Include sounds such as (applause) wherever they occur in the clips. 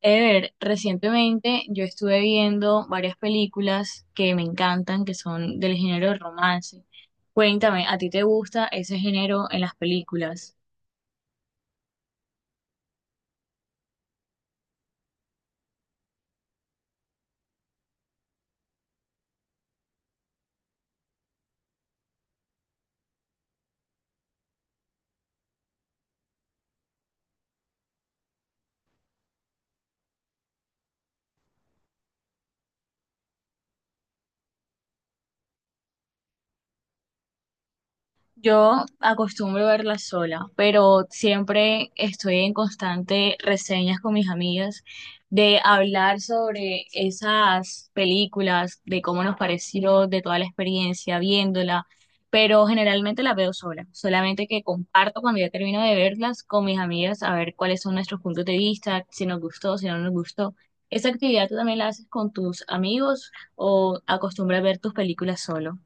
Ever, recientemente yo estuve viendo varias películas que me encantan, que son del género de romance. Cuéntame, ¿a ti te gusta ese género en las películas? Yo acostumbro verla sola, pero siempre estoy en constante reseñas con mis amigas de hablar sobre esas películas, de cómo nos pareció, de toda la experiencia viéndola, pero generalmente la veo sola, solamente que comparto cuando ya termino de verlas con mis amigas a ver cuáles son nuestros puntos de vista, si nos gustó, si no nos gustó. ¿Esa actividad tú también la haces con tus amigos o acostumbras ver tus películas solo?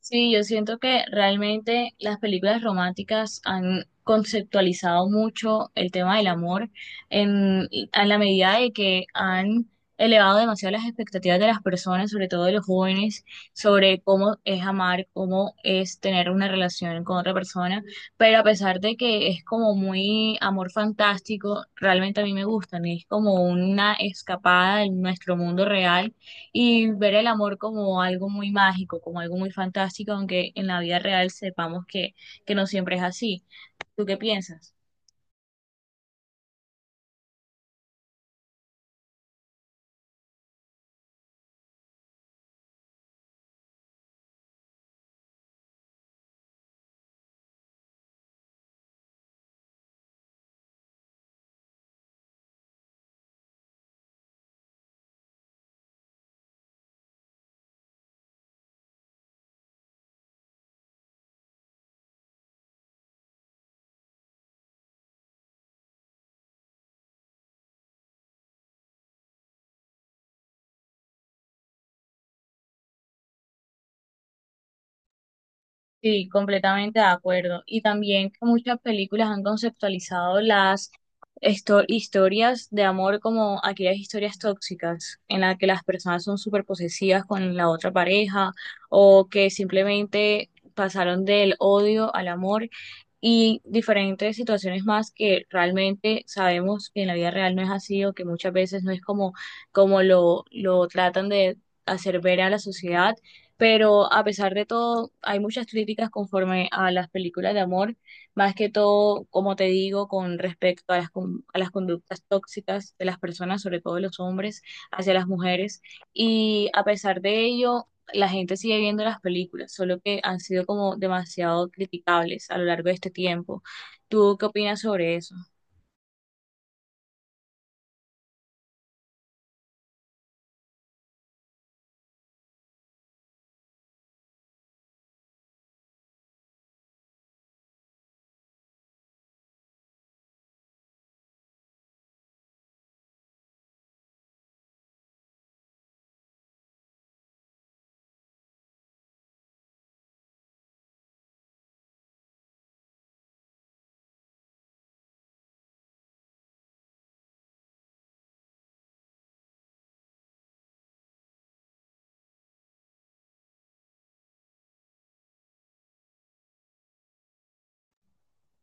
Sí, yo siento que realmente las películas románticas han conceptualizado mucho el tema del amor en, a la medida de que han elevado demasiado las expectativas de las personas, sobre todo de los jóvenes, sobre cómo es amar, cómo es tener una relación con otra persona, pero a pesar de que es como muy amor fantástico, realmente a mí me gustan, es como una escapada de nuestro mundo real y ver el amor como algo muy mágico, como algo muy fantástico, aunque en la vida real sepamos que no siempre es así. ¿Tú qué piensas? Sí, completamente de acuerdo. Y también que muchas películas han conceptualizado las historias de amor como aquellas historias tóxicas en las que las personas son súper posesivas con la otra pareja o que simplemente pasaron del odio al amor y diferentes situaciones más que realmente sabemos que en la vida real no es así o que muchas veces no es como, como lo tratan de hacer ver a la sociedad, pero a pesar de todo, hay muchas críticas conforme a las películas de amor, más que todo, como te digo, con respecto a a las conductas tóxicas de las personas, sobre todo de los hombres, hacia las mujeres. Y a pesar de ello, la gente sigue viendo las películas, solo que han sido como demasiado criticables a lo largo de este tiempo. ¿Tú qué opinas sobre eso?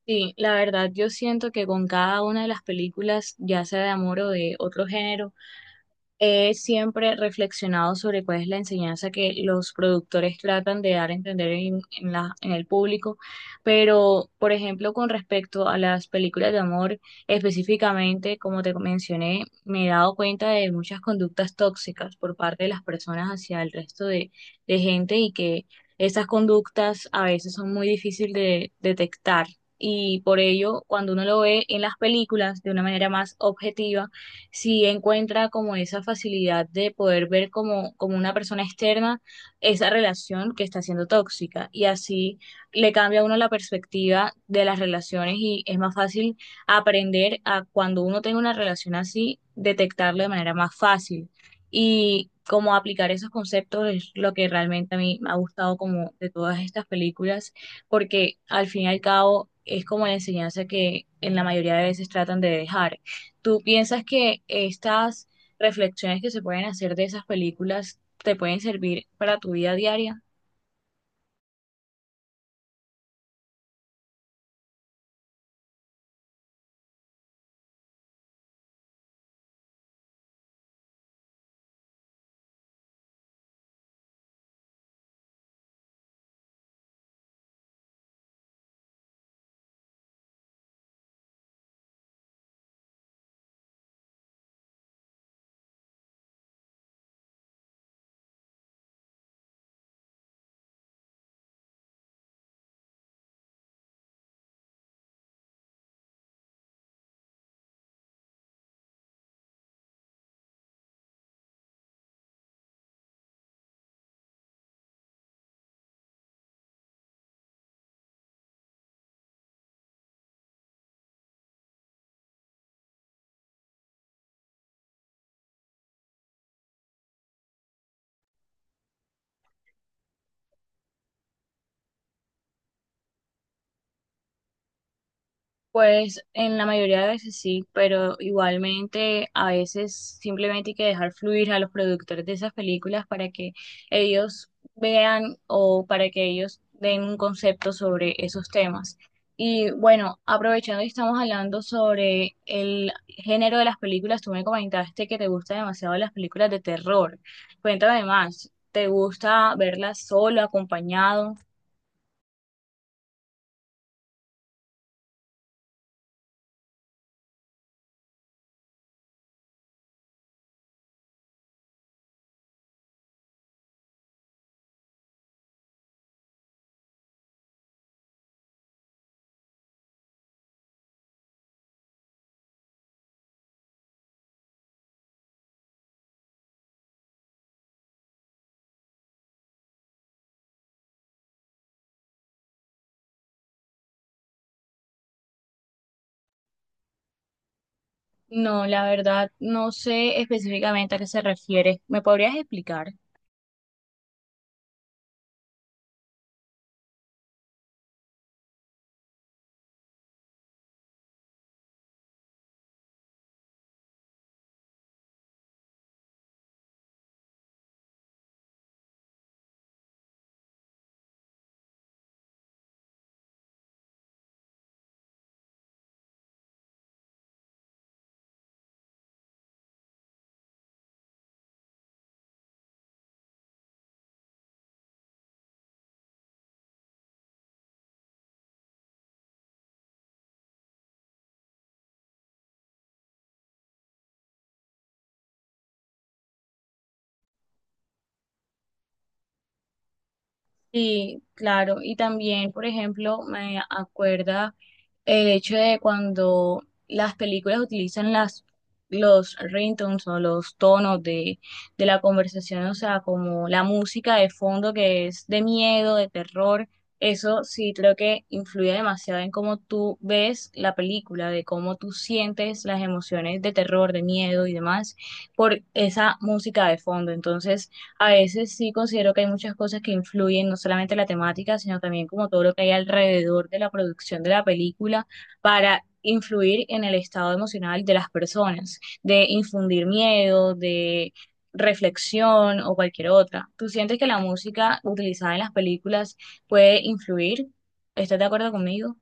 Sí, la verdad, yo siento que con cada una de las películas, ya sea de amor o de otro género, he siempre reflexionado sobre cuál es la enseñanza que los productores tratan de dar a entender en el público, pero por ejemplo con respecto a las películas de amor, específicamente, como te mencioné, me he dado cuenta de muchas conductas tóxicas por parte de las personas hacia el resto de gente y que esas conductas a veces son muy difíciles de detectar. Y por ello, cuando uno lo ve en las películas de una manera más objetiva, si encuentra como esa facilidad de poder ver como, como una persona externa esa relación que está siendo tóxica y así le cambia a uno la perspectiva de las relaciones y es más fácil aprender a cuando uno tenga una relación así, detectarlo de manera más fácil. Y como aplicar esos conceptos es lo que realmente a mí me ha gustado como de todas estas películas, porque al fin y al cabo es como la enseñanza que en la mayoría de veces tratan de dejar. ¿Tú piensas que estas reflexiones que se pueden hacer de esas películas te pueden servir para tu vida diaria? Pues en la mayoría de veces sí, pero igualmente a veces simplemente hay que dejar fluir a los productores de esas películas para que ellos vean o para que ellos den un concepto sobre esos temas. Y bueno, aprovechando y estamos hablando sobre el género de las películas, tú me comentaste que te gustan demasiado las películas de terror. Cuéntame más, ¿te gusta verlas solo, acompañado? No, la verdad, no sé específicamente a qué se refiere. ¿Me podrías explicar? Sí, claro. Y también, por ejemplo, me acuerda el hecho de cuando las películas utilizan las, los ringtones o los tonos de la conversación, o sea, como la música de fondo que es de miedo, de terror. Eso sí creo que influye demasiado en cómo tú ves la película, de cómo tú sientes las emociones de terror, de miedo y demás por esa música de fondo. Entonces, a veces sí considero que hay muchas cosas que influyen, no solamente la temática, sino también como todo lo que hay alrededor de la producción de la película para influir en el estado emocional de las personas, de infundir miedo, de reflexión o cualquier otra. ¿Tú sientes que la música utilizada en las películas puede influir? ¿Estás de acuerdo conmigo?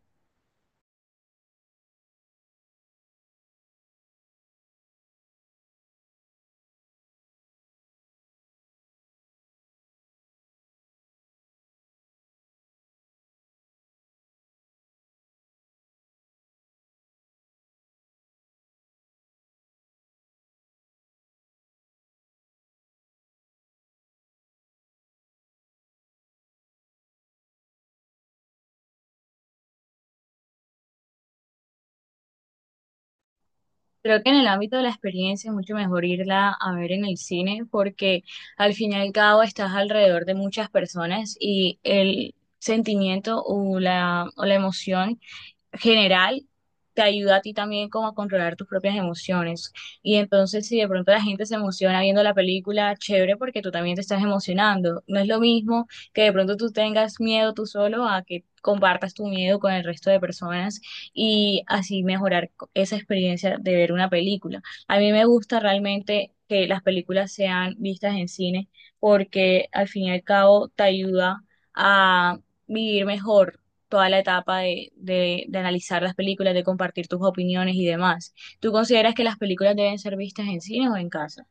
Creo que en el ámbito de la experiencia es mucho mejor irla a ver en el cine porque al fin y al cabo estás alrededor de muchas personas y el sentimiento o la emoción general te ayuda a ti también como a controlar tus propias emociones. Y entonces si de pronto la gente se emociona viendo la película, chévere porque tú también te estás emocionando. No es lo mismo que de pronto tú tengas miedo tú solo a que compartas tu miedo con el resto de personas y así mejorar esa experiencia de ver una película. A mí me gusta realmente que las películas sean vistas en cine porque al fin y al cabo te ayuda a vivir mejor toda la etapa de analizar las películas, de compartir tus opiniones y demás. ¿Tú consideras que las películas deben ser vistas en cine o en casa?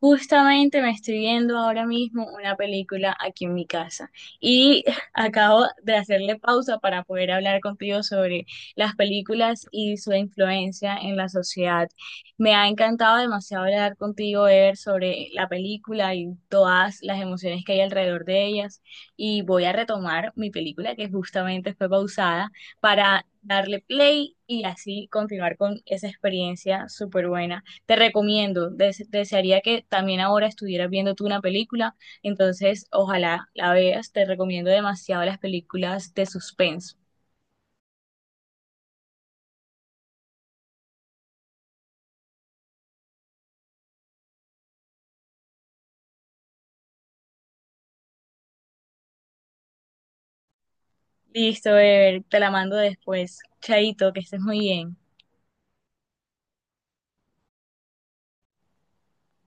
Justamente me estoy viendo ahora mismo una película aquí en mi casa y (laughs) acabo de hacerle pausa para poder hablar contigo sobre las películas y su influencia en la sociedad. Me ha encantado demasiado hablar contigo, Ever, sobre la película y todas las emociones que hay alrededor de ellas y voy a retomar mi película que justamente fue pausada para darle play y así continuar con esa experiencia súper buena. Te recomiendo, desearía que también ahora estuvieras viendo tú una película, entonces ojalá la veas, te recomiendo demasiado las películas de suspenso. Listo, Ever, te la mando después. Chaito, que estés muy bien.